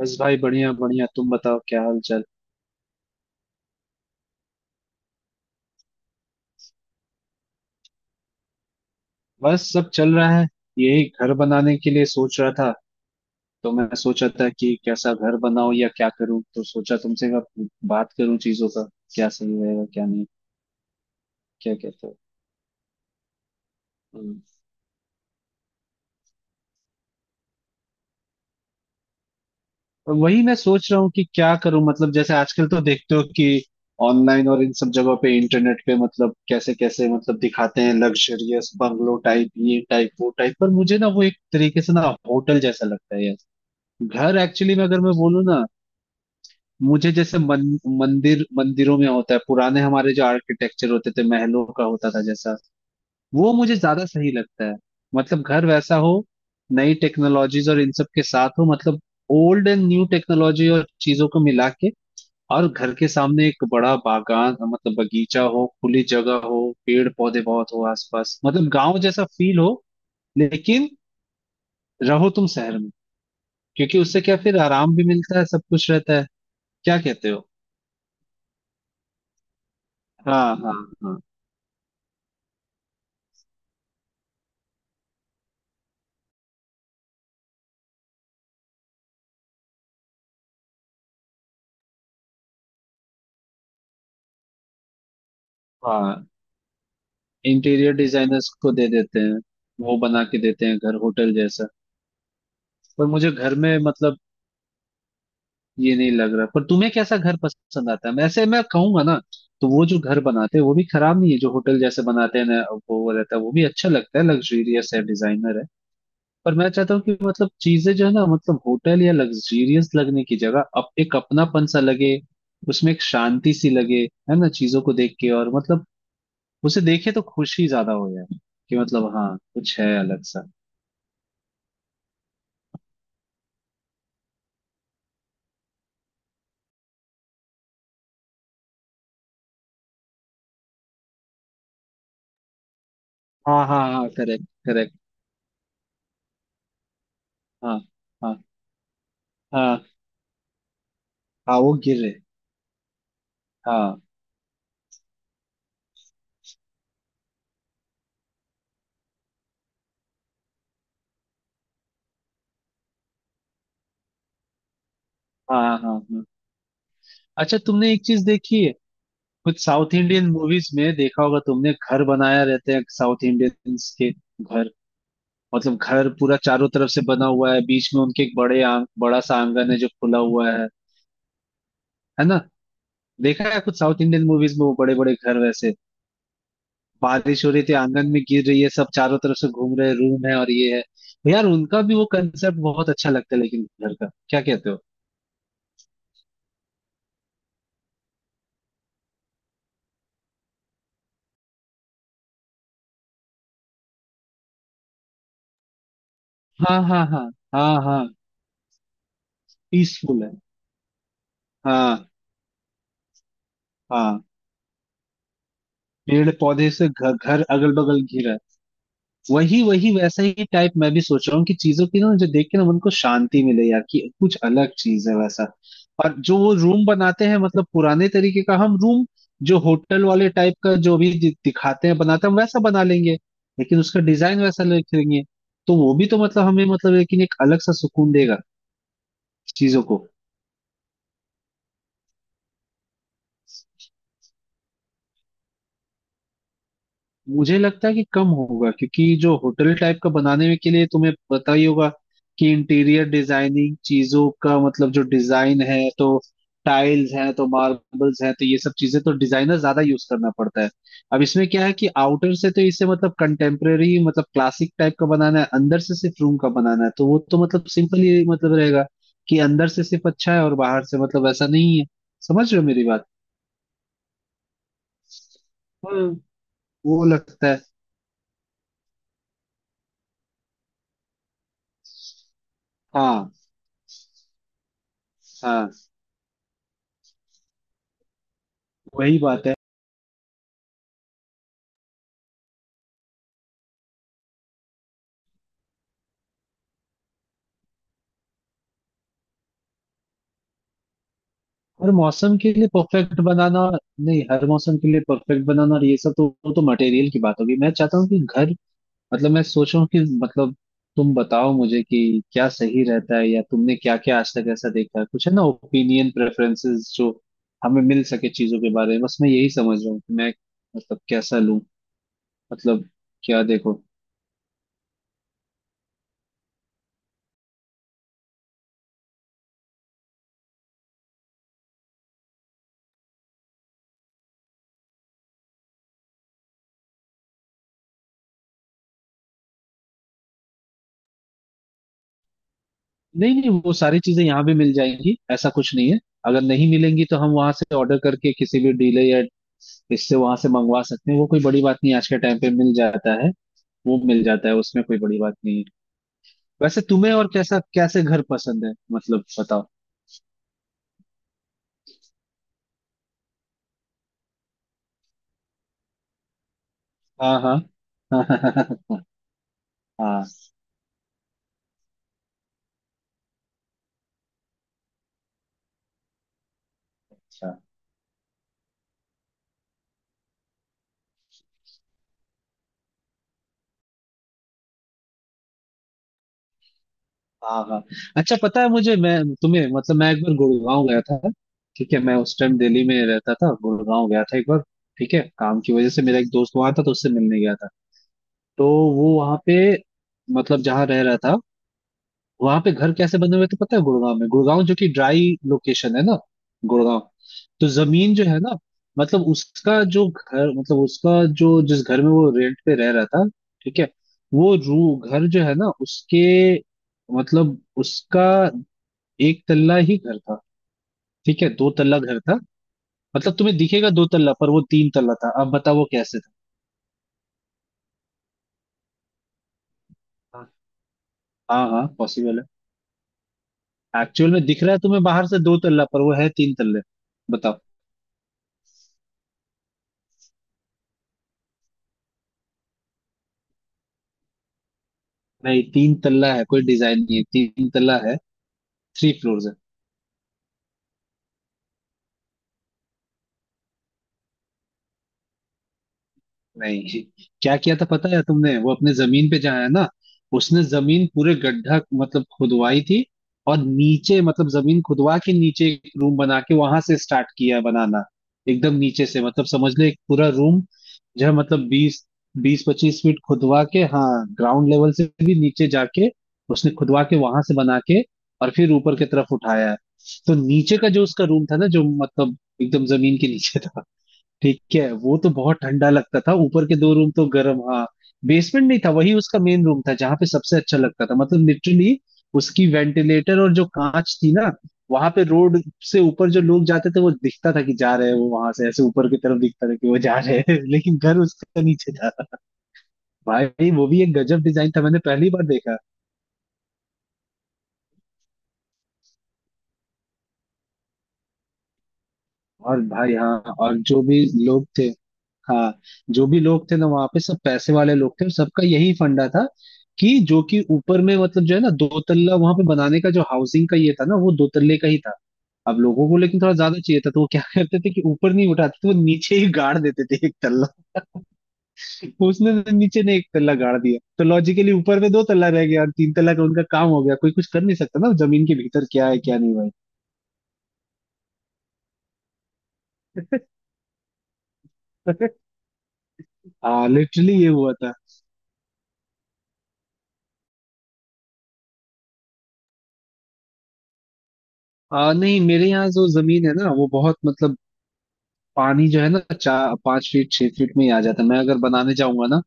बस भाई, बढ़िया बढ़िया। तुम बताओ, क्या हाल चाल? बस सब चल रहा है। यही घर बनाने के लिए सोच रहा था। तो मैं सोचा था कि कैसा घर बनाऊं या क्या करूं, तो सोचा तुमसे अब बात करूं चीजों का। क्या सही रहेगा क्या नहीं। क्या कहते हो? हम्म। और वही मैं सोच रहा हूँ कि क्या करूं। मतलब जैसे आजकल तो देखते हो कि ऑनलाइन और इन सब जगहों पे, इंटरनेट पे, मतलब कैसे कैसे मतलब दिखाते हैं। लग्जरियस बंगलो टाइप, ये टाइप वो टाइप, पर मुझे ना वो एक तरीके से ना होटल जैसा लगता है यार। घर एक्चुअली में, अगर मैं बोलूँ ना। मुझे जैसे मंदिर, मंदिरों में होता है पुराने हमारे जो आर्किटेक्चर होते थे, महलों का होता था जैसा, वो मुझे ज्यादा सही लगता है। मतलब घर वैसा हो, नई टेक्नोलॉजीज और इन सब के साथ हो। मतलब ओल्ड एंड न्यू टेक्नोलॉजी और चीजों को मिला के। और घर के सामने एक बड़ा बागान, मतलब बगीचा हो, खुली जगह हो, पेड़ पौधे बहुत हो आसपास, मतलब गांव जैसा फील हो, लेकिन रहो तुम शहर में। क्योंकि उससे क्या, फिर आराम भी मिलता है, सब कुछ रहता है। क्या कहते हो? हाँ, हाँ। हाँ, हाँ। इंटीरियर डिजाइनर्स को दे देते हैं। वो बना के देते हैं, घर होटल जैसा। पर मुझे घर में, मतलब ये नहीं लग रहा। पर तुम्हें कैसा घर पसंद आता है? वैसे मैं कहूंगा ना, तो वो जो घर बनाते हैं वो भी खराब नहीं है, जो होटल जैसे बनाते हैं ना, वो रहता है, वो भी अच्छा लगता है, लग्जूरियस है, डिजाइनर है। पर मैं चाहता हूँ कि मतलब चीजें जो है ना, मतलब होटल या लग्जूरियस लगने की जगह अब एक अपनापन सा लगे, उसमें एक शांति सी लगे, है ना? चीजों को देख के और मतलब उसे देखे तो खुशी ज्यादा हो यार। कि मतलब, हाँ, कुछ है अलग सा। हाँ, हाँ, हाँ, करेक्ट, करेक्ट। हाँ, हाँ, हाँ, हाँ, वो गिर रहे। हाँ, हाँ, हाँ, हाँ। अच्छा तुमने एक चीज देखी है, कुछ साउथ इंडियन मूवीज में देखा होगा तुमने, घर बनाया रहते हैं साउथ इंडियंस के घर। मतलब घर पूरा चारों तरफ से बना हुआ है, बीच में उनके एक बड़ा सा आंगन है जो खुला हुआ है। है ना? देखा है कुछ साउथ इंडियन मूवीज में, वो बड़े बड़े घर वैसे। बारिश हो रही थी, आंगन में गिर रही है, सब चारों तरफ से घूम रहे हैं, रूम है और ये है। यार, उनका भी वो कंसेप्ट बहुत अच्छा लगता है, लेकिन घर का, क्या कहते हो? हाँ, हाँ, हाँ, हाँ, हाँ, पीसफुल है। हाँ, हाँ। पेड़ पौधे से घर, घर अगल बगल घिरा है। वही वही वैसा ही टाइप मैं भी सोच रहा हूँ, कि चीजों की ना मुझे देख के ना मन को शांति मिले यार, कि कुछ अलग चीज है वैसा। और जो वो रूम बनाते हैं, मतलब पुराने तरीके का हम रूम, जो होटल वाले टाइप का जो भी दिखाते हैं बनाते हैं, हम वैसा बना लेंगे। लेकिन उसका डिजाइन वैसा रखेंगे। तो वो भी तो मतलब हमें, मतलब लेकिन एक अलग सा सुकून देगा चीजों को। मुझे लगता है कि कम होगा, क्योंकि जो होटल टाइप का बनाने में के लिए तुम्हें पता ही होगा कि इंटीरियर डिजाइनिंग चीजों का मतलब जो डिजाइन है तो, टाइल्स हैं तो, मार्बल्स हैं तो, ये सब चीजें तो डिजाइनर ज्यादा यूज करना पड़ता है। अब इसमें क्या है कि आउटर से तो इसे मतलब कंटेम्प्रेरी, मतलब क्लासिक टाइप का बनाना है, अंदर से सिर्फ रूम का बनाना है, तो वो तो मतलब सिंपल ही मतलब रहेगा। कि अंदर से सिर्फ अच्छा है और बाहर से मतलब ऐसा नहीं है। समझ रहे हो मेरी बात? हम्म। वो लगता है। हाँ, हाँ, वही बात है। हर मौसम के लिए परफेक्ट बनाना। नहीं, हर मौसम के लिए परफेक्ट बनाना और ये सब तो, वो तो मटेरियल की बात होगी। मैं चाहता हूँ कि घर, मतलब मैं सोच रहा हूँ कि मतलब, तुम बताओ मुझे कि क्या सही रहता है, या तुमने क्या क्या आज तक ऐसा देखा है, कुछ है ना ओपिनियन प्रेफरेंसेस जो हमें मिल सके चीजों के बारे में। बस मैं यही समझ रहा हूँ कि मैं मतलब कैसा लूँ, मतलब क्या देखो। नहीं, नहीं, वो सारी चीजें यहाँ भी मिल जाएंगी, ऐसा कुछ नहीं है। अगर नहीं मिलेंगी तो हम वहां से ऑर्डर करके किसी भी डीलर या इससे वहां से मंगवा सकते हैं, वो कोई बड़ी बात नहीं है, आज के टाइम पे मिल जाता है। वो मिल जाता है, उसमें कोई बड़ी बात नहीं है। वैसे तुम्हें और कैसा, कैसे घर पसंद है, मतलब बताओ। हाँ, हाँ, हाँ। हाँ, हाँ, अच्छा। हाँ, हाँ। अच्छा पता है मुझे, मैं तुम्हें मतलब, मैं एक बार गुड़गांव गया था। ठीक है? मैं उस टाइम दिल्ली में रहता था, गुड़गांव गया था एक बार। ठीक है? काम की वजह से, मेरा एक दोस्त वहां था तो उससे मिलने गया था। तो वो वहां पे मतलब जहाँ रह रहा था, वहां पे घर कैसे बने हुए थे पता है? गुड़गांव में, गुड़गांव जो कि ड्राई लोकेशन है ना, गुड़गांव। तो जमीन जो है ना, मतलब उसका जो घर, मतलब उसका, जो जिस घर में वो रेंट पे रह रहा था, ठीक है। वो रू घर जो है ना, उसके मतलब उसका, एक तल्ला ही घर था। ठीक है? दो तल्ला घर था, मतलब तुम्हें दिखेगा दो तल्ला, पर वो तीन तल्ला था। अब बताओ वो कैसे था। हाँ, हाँ, पॉसिबल है। एक्चुअल में दिख रहा है तुम्हें बाहर से दो तल्ला, पर वो है तीन तल्ले। बताओ। नहीं, तीन तल्ला है, कोई डिजाइन नहीं है, तीन तल्ला है। थ्री फ्लोर्स है। नहीं, क्या किया था पता है तुमने? वो अपने जमीन पे जहाँ है ना, उसने जमीन पूरे गड्ढा मतलब खुदवाई थी। और नीचे मतलब जमीन खुदवा के नीचे, एक रूम बना के वहां से स्टार्ट किया बनाना। एकदम नीचे से, मतलब समझ ले एक पूरा रूम जो है मतलब, 20, 20-25 फीट खुदवा के, हाँ, ग्राउंड लेवल से भी नीचे जाके उसने खुदवा के वहां से बना के और फिर ऊपर की तरफ उठाया है। तो नीचे का जो उसका रूम था ना, जो मतलब एकदम जमीन के नीचे था, ठीक है? वो तो बहुत ठंडा लगता था, ऊपर के दो रूम तो गर्म। हाँ। बेसमेंट नहीं था, वही उसका मेन रूम था जहां पे सबसे अच्छा लगता था, मतलब लिटरली। उसकी वेंटिलेटर और जो कांच थी ना, वहां पे रोड से ऊपर जो लोग जाते थे, वो दिखता था कि जा रहे हैं, वो वहां से ऐसे ऊपर की तरफ दिखता था कि वो जा रहे हैं लेकिन घर उसका नीचे था। भाई वो भी एक गजब डिजाइन था, मैंने पहली बार देखा। और भाई, हाँ, और जो भी लोग थे, हाँ, जो भी लोग थे ना वहां पे, सब पैसे वाले लोग थे और सबका यही फंडा था, कि जो कि ऊपर में मतलब, जो है ना, दो तल्ला वहां पे बनाने का जो हाउसिंग का ये था ना, वो दो तल्ले का ही था। अब लोगों को लेकिन थोड़ा ज्यादा चाहिए था, तो वो क्या करते थे कि ऊपर नहीं उठाते थे, वो नीचे ही गाड़ देते थे एक तल्ला। उसने तो नीचे ने एक तल्ला गाड़ दिया, तो लॉजिकली ऊपर में दो तल्ला रह गया और तीन तल्ला का उनका काम हो गया। कोई कुछ कर नहीं सकता ना, जमीन के भीतर क्या है क्या नहीं। भाई हाँ, लिटरली ये हुआ था। नहीं, मेरे यहाँ जो जमीन है ना, वो बहुत मतलब, पानी जो है ना 4-5 फीट, 6 फीट में ही आ जाता है। मैं अगर बनाने जाऊंगा ना,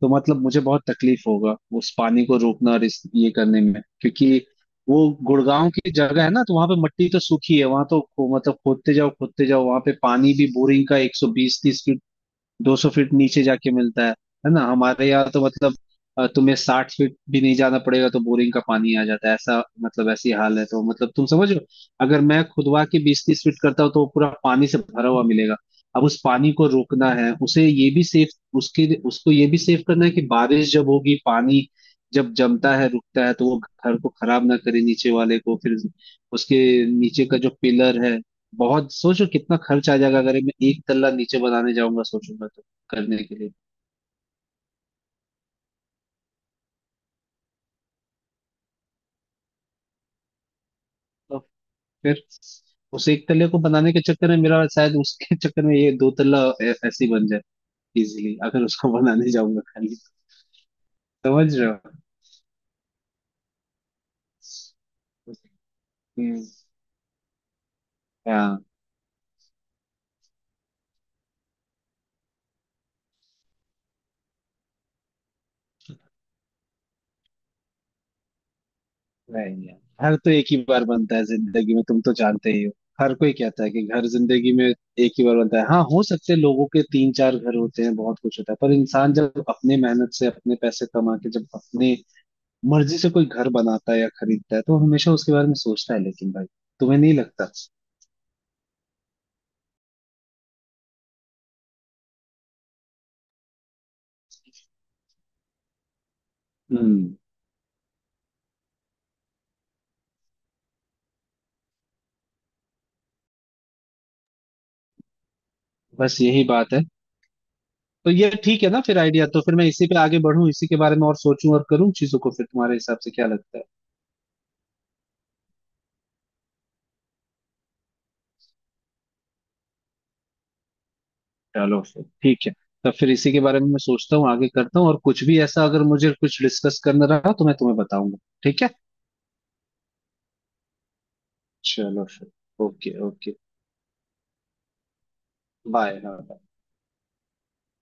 तो मतलब मुझे बहुत तकलीफ होगा उस पानी को रोकना और इस ये करने में। क्योंकि वो गुड़गांव की जगह है ना, तो वहां पे मट्टी तो सूखी है, वहां तो मतलब खोदते जाओ खोदते जाओ, वहां पे पानी भी बोरिंग का 120-130, 200 फीट नीचे जाके मिलता है। है ना? हमारे यहाँ तो मतलब तुम्हें 60 फीट भी नहीं जाना पड़ेगा तो बोरिंग का पानी आ जाता है, ऐसा मतलब ऐसी हाल है, तो मतलब तुम समझो। अगर मैं खुदवा के 20-30 फीट करता हूँ, तो वो पूरा पानी से भरा हुआ मिलेगा। अब उस पानी को रोकना है, उसे ये भी सेफ, उसके उसको ये भी सेफ करना है कि बारिश जब होगी, पानी जब जमता है रुकता है, तो वो घर को खराब ना करे, नीचे वाले को फिर। उसके, नीचे का जो पिलर है, बहुत सोचो कितना खर्च आ जाएगा अगर मैं एक तल्ला नीचे बनाने जाऊंगा, सोचूंगा तो, करने के लिए। तो फिर उस एक तल्ले को बनाने के चक्कर में मेरा, शायद उसके चक्कर में ये दो तल्ला ऐसे ही बन जाए इजीली, अगर उसको बनाने जाऊंगा खाली। समझ रहे हो? हम्म, हाँ, वही है। घर तो एक ही बार बनता है जिंदगी में, तुम तो जानते ही हो। हर कोई कहता है कि घर जिंदगी में एक ही बार बनता है, हाँ, हो सकते हैं लोगों के तीन चार घर होते हैं, बहुत कुछ होता है, पर इंसान जब अपने मेहनत से अपने पैसे कमा के, जब अपने मर्जी से कोई घर बनाता है या खरीदता है, तो वो हमेशा उसके बारे में सोचता है, लेकिन भाई। तुम्हें नहीं लगता? हम्म। बस यही बात है। तो ये ठीक है ना फिर, आइडिया? तो फिर मैं इसी पे आगे बढ़ूं, इसी के बारे में और सोचूं, और करूं चीजों को, फिर तुम्हारे हिसाब से क्या लगता है? चलो फिर ठीक है। तब फिर इसी के बारे में मैं सोचता हूँ, आगे करता हूँ, और कुछ भी ऐसा अगर मुझे कुछ डिस्कस करना रहा तो मैं तुम्हें बताऊंगा। ठीक है। चलो फिर, ओके, ओके। बाय।